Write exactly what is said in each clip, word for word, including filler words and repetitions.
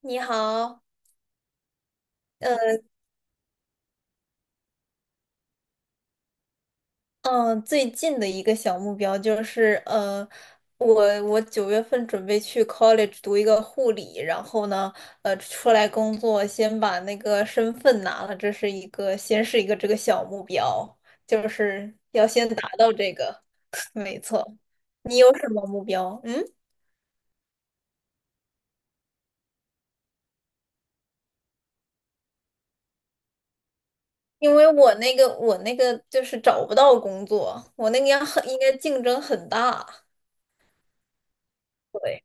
你好。呃，嗯，最近的一个小目标就是，呃，我我九月份准备去 college 读一个护理，然后呢，呃，出来工作，先把那个身份拿了，这是一个，先是一个这个小目标，就是要先达到这个。没错。你有什么目标？嗯。因为我那个我那个就是找不到工作，我那个要很应该竞争很大。对，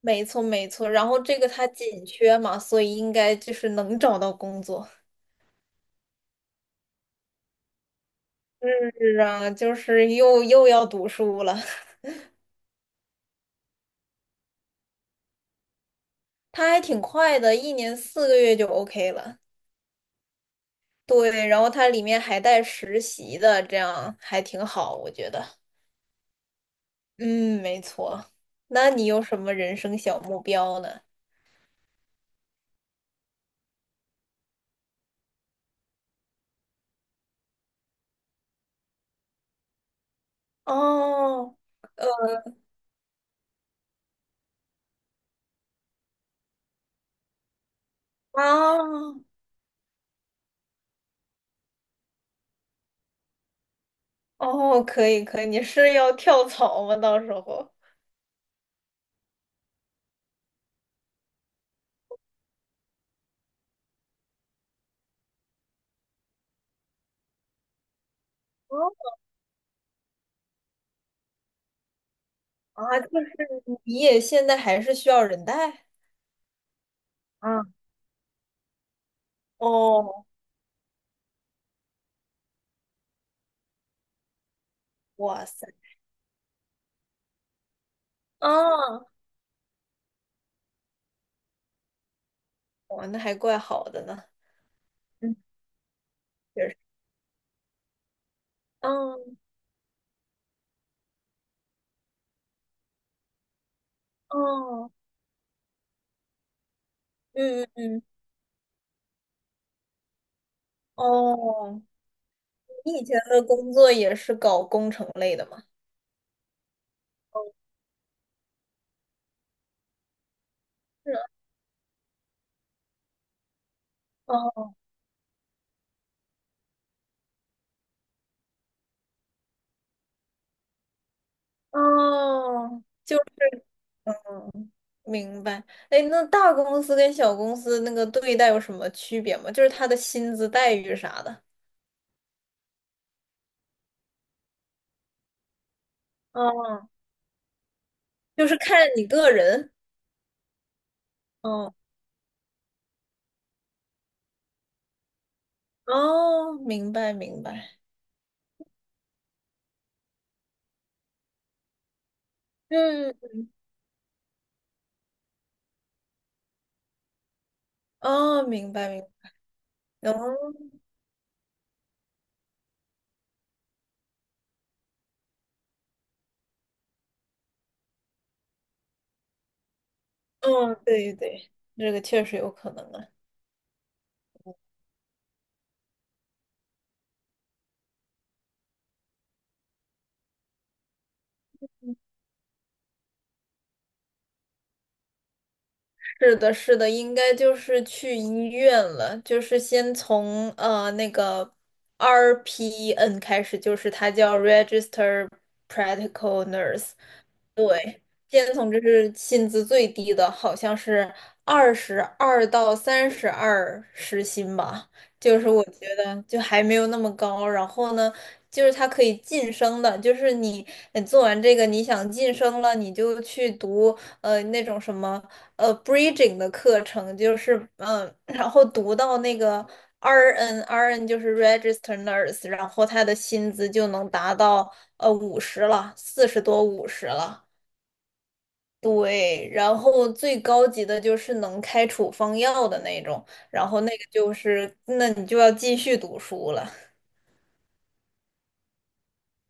没错没错。然后这个它紧缺嘛，所以应该就是能找到工作。是啊，就是又又要读书了。它还挺快的，一年四个月就 OK 了。对，然后它里面还带实习的，这样还挺好，我觉得。嗯，没错。那你有什么人生小目标呢？哦。啊。哦，可以可以，你是要跳槽吗？到时候。哦啊，就是你也现在还是需要人带？嗯。哦。哇塞。啊。哇，那还怪好的呢。嗯。确实。嗯。哦。嗯嗯嗯。哦。你以前的工作也是搞工程类的吗？是啊。哦。哦。嗯，明白。哎，那大公司跟小公司那个对待有什么区别吗？就是他的薪资待遇啥的。哦，就是看你个人。哦。哦，明白明白。嗯。哦，明白明白。哦嗯，对对，这个确实有可能啊。是的，是的，应该就是去医院了，就是先从呃那个 R P N 开始，就是它叫 Register Practical Nurse。对，建从这是薪资最低的，好像是二十二到三十二时薪吧，就是我觉得就还没有那么高。然后呢，就是他可以晋升的，就是你呃做完这个，你想晋升了，你就去读呃那种什么呃 bridging 的课程，就是嗯、呃然后读到那个 R N R N 就是 registered nurse，然后他的薪资就能达到呃五十了，四十多五十了。对，然后最高级的就是能开处方药的那种，然后那个就是，那你就要继续读书了。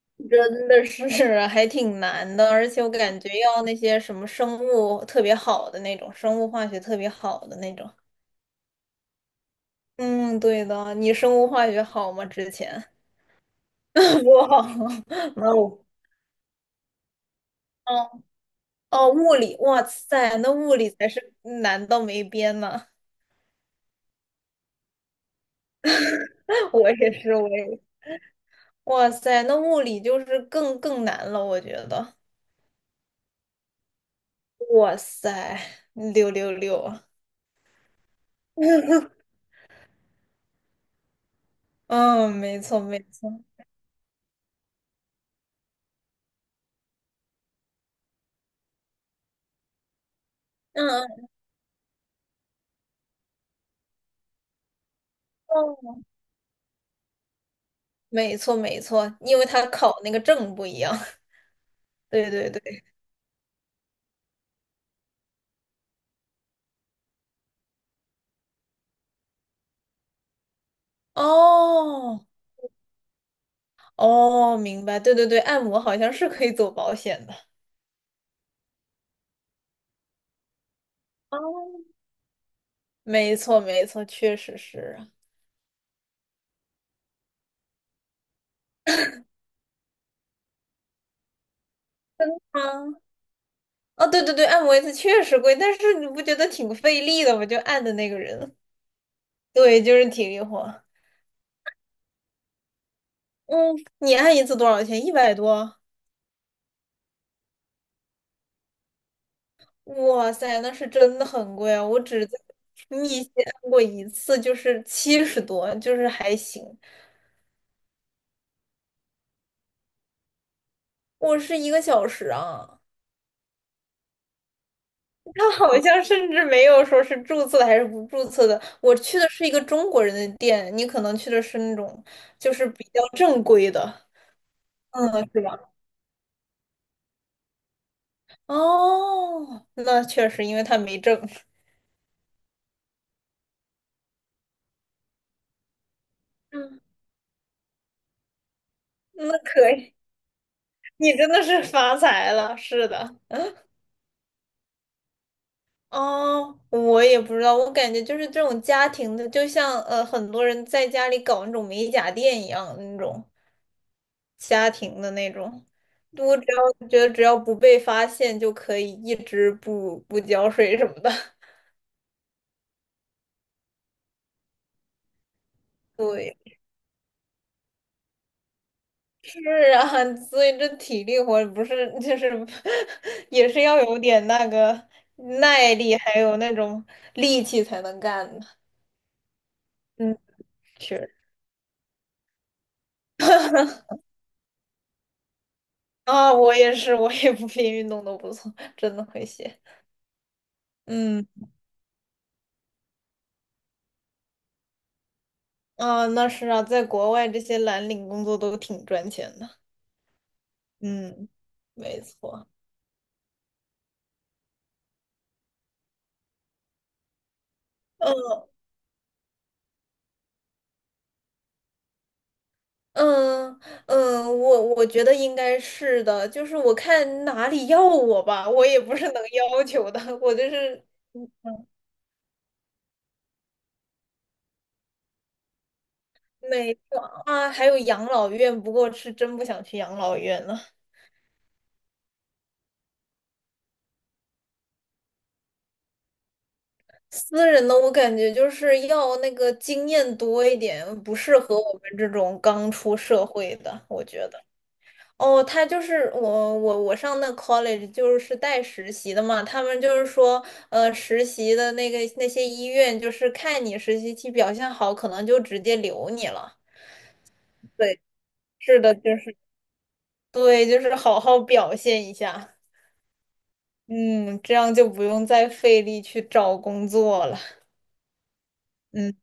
真的是 还挺难的，而且我感觉要那些什么生物特别好的那种，生物化学特别好的那种。嗯，对的，你生物化学好吗？之前 不好。没有。哦。哦，物理，哇塞，那物理才是难到没边呢。我也是，我也。哇塞，那物理就是更更难了，我觉得。哇塞，六六六啊！嗯，没错没错。嗯嗯。哦，没错没错，因为他考那个证不一样。对对对。哦。哦，明白。对对对，按摩好像是可以走保险的。哦，没错没错，确实是啊。嗯。哦，对对对，按摩一次确实贵，但是你不觉得挺费力的吗？就按的那个人。对，就是体力活。嗯，你按一次多少钱？一百多？哇塞，那是真的很贵啊！我只在密西按过一次，就是七十多，就是还行。我是一个小时啊。他好像甚至没有说是注册的还是不注册的。我去的是一个中国人的店，你可能去的是那种就是比较正规的。嗯，是吧？哦，那确实，因为他没证。嗯。那可以，你真的是发财了，是的。哦，我也不知道，我感觉就是这种家庭的，就像呃很多人在家里搞那种美甲店一样那种家庭的那种。我只要觉得只要不被发现就可以一直不不浇水什么的。对，是啊，所以这体力活不是就是 也是要有点那个耐力，还有那种力气才能干的。嗯，是啊，我也是，我也不 比运动都不错，真的会写。嗯。啊，那是啊，在国外这些蓝领工作都挺赚钱的。嗯，没错。嗯嗯嗯，我我觉得应该是的，就是我看哪里要我吧，我也不是能要求的，我就是嗯没错啊。还有养老院，不过是真不想去养老院了。私人的我感觉就是要那个经验多一点，不适合我们这种刚出社会的，我觉得。哦，他就是我我我上那 college 就是带实习的嘛，他们就是说，呃，实习的那个那些医院就是看你实习期表现好，可能就直接留你了。对，是的，就是对，就是好好表现一下。嗯，这样就不用再费力去找工作了。嗯，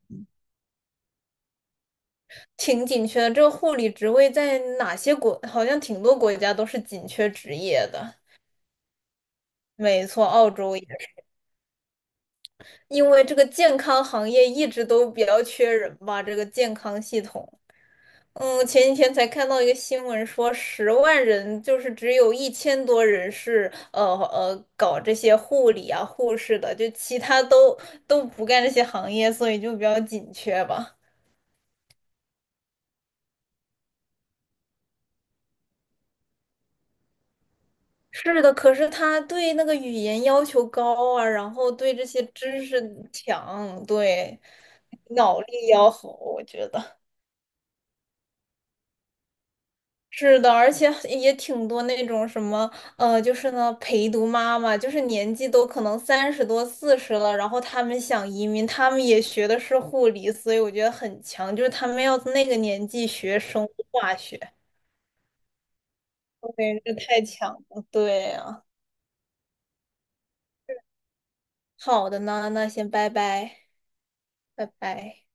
挺紧缺的，这个护理职位在哪些国，好像挺多国家都是紧缺职业的。没错，澳洲。因为这个健康行业一直都比较缺人吧，这个健康系统。嗯，前几天才看到一个新闻说，十万人就是只有一千多人是呃呃搞这些护理啊、护士的，就其他都都不干这些行业，所以就比较紧缺吧。是的，可是他对那个语言要求高啊，然后对这些知识强，对脑力要好，我觉得。是的，而且也挺多那种什么，呃，就是呢，陪读妈妈，就是年纪都可能三十多、四十了，然后他们想移民，他们也学的是护理，所以我觉得很强，就是他们要那个年纪学生物化学。对，这太强了，对啊。好的呢，那先拜拜。拜拜。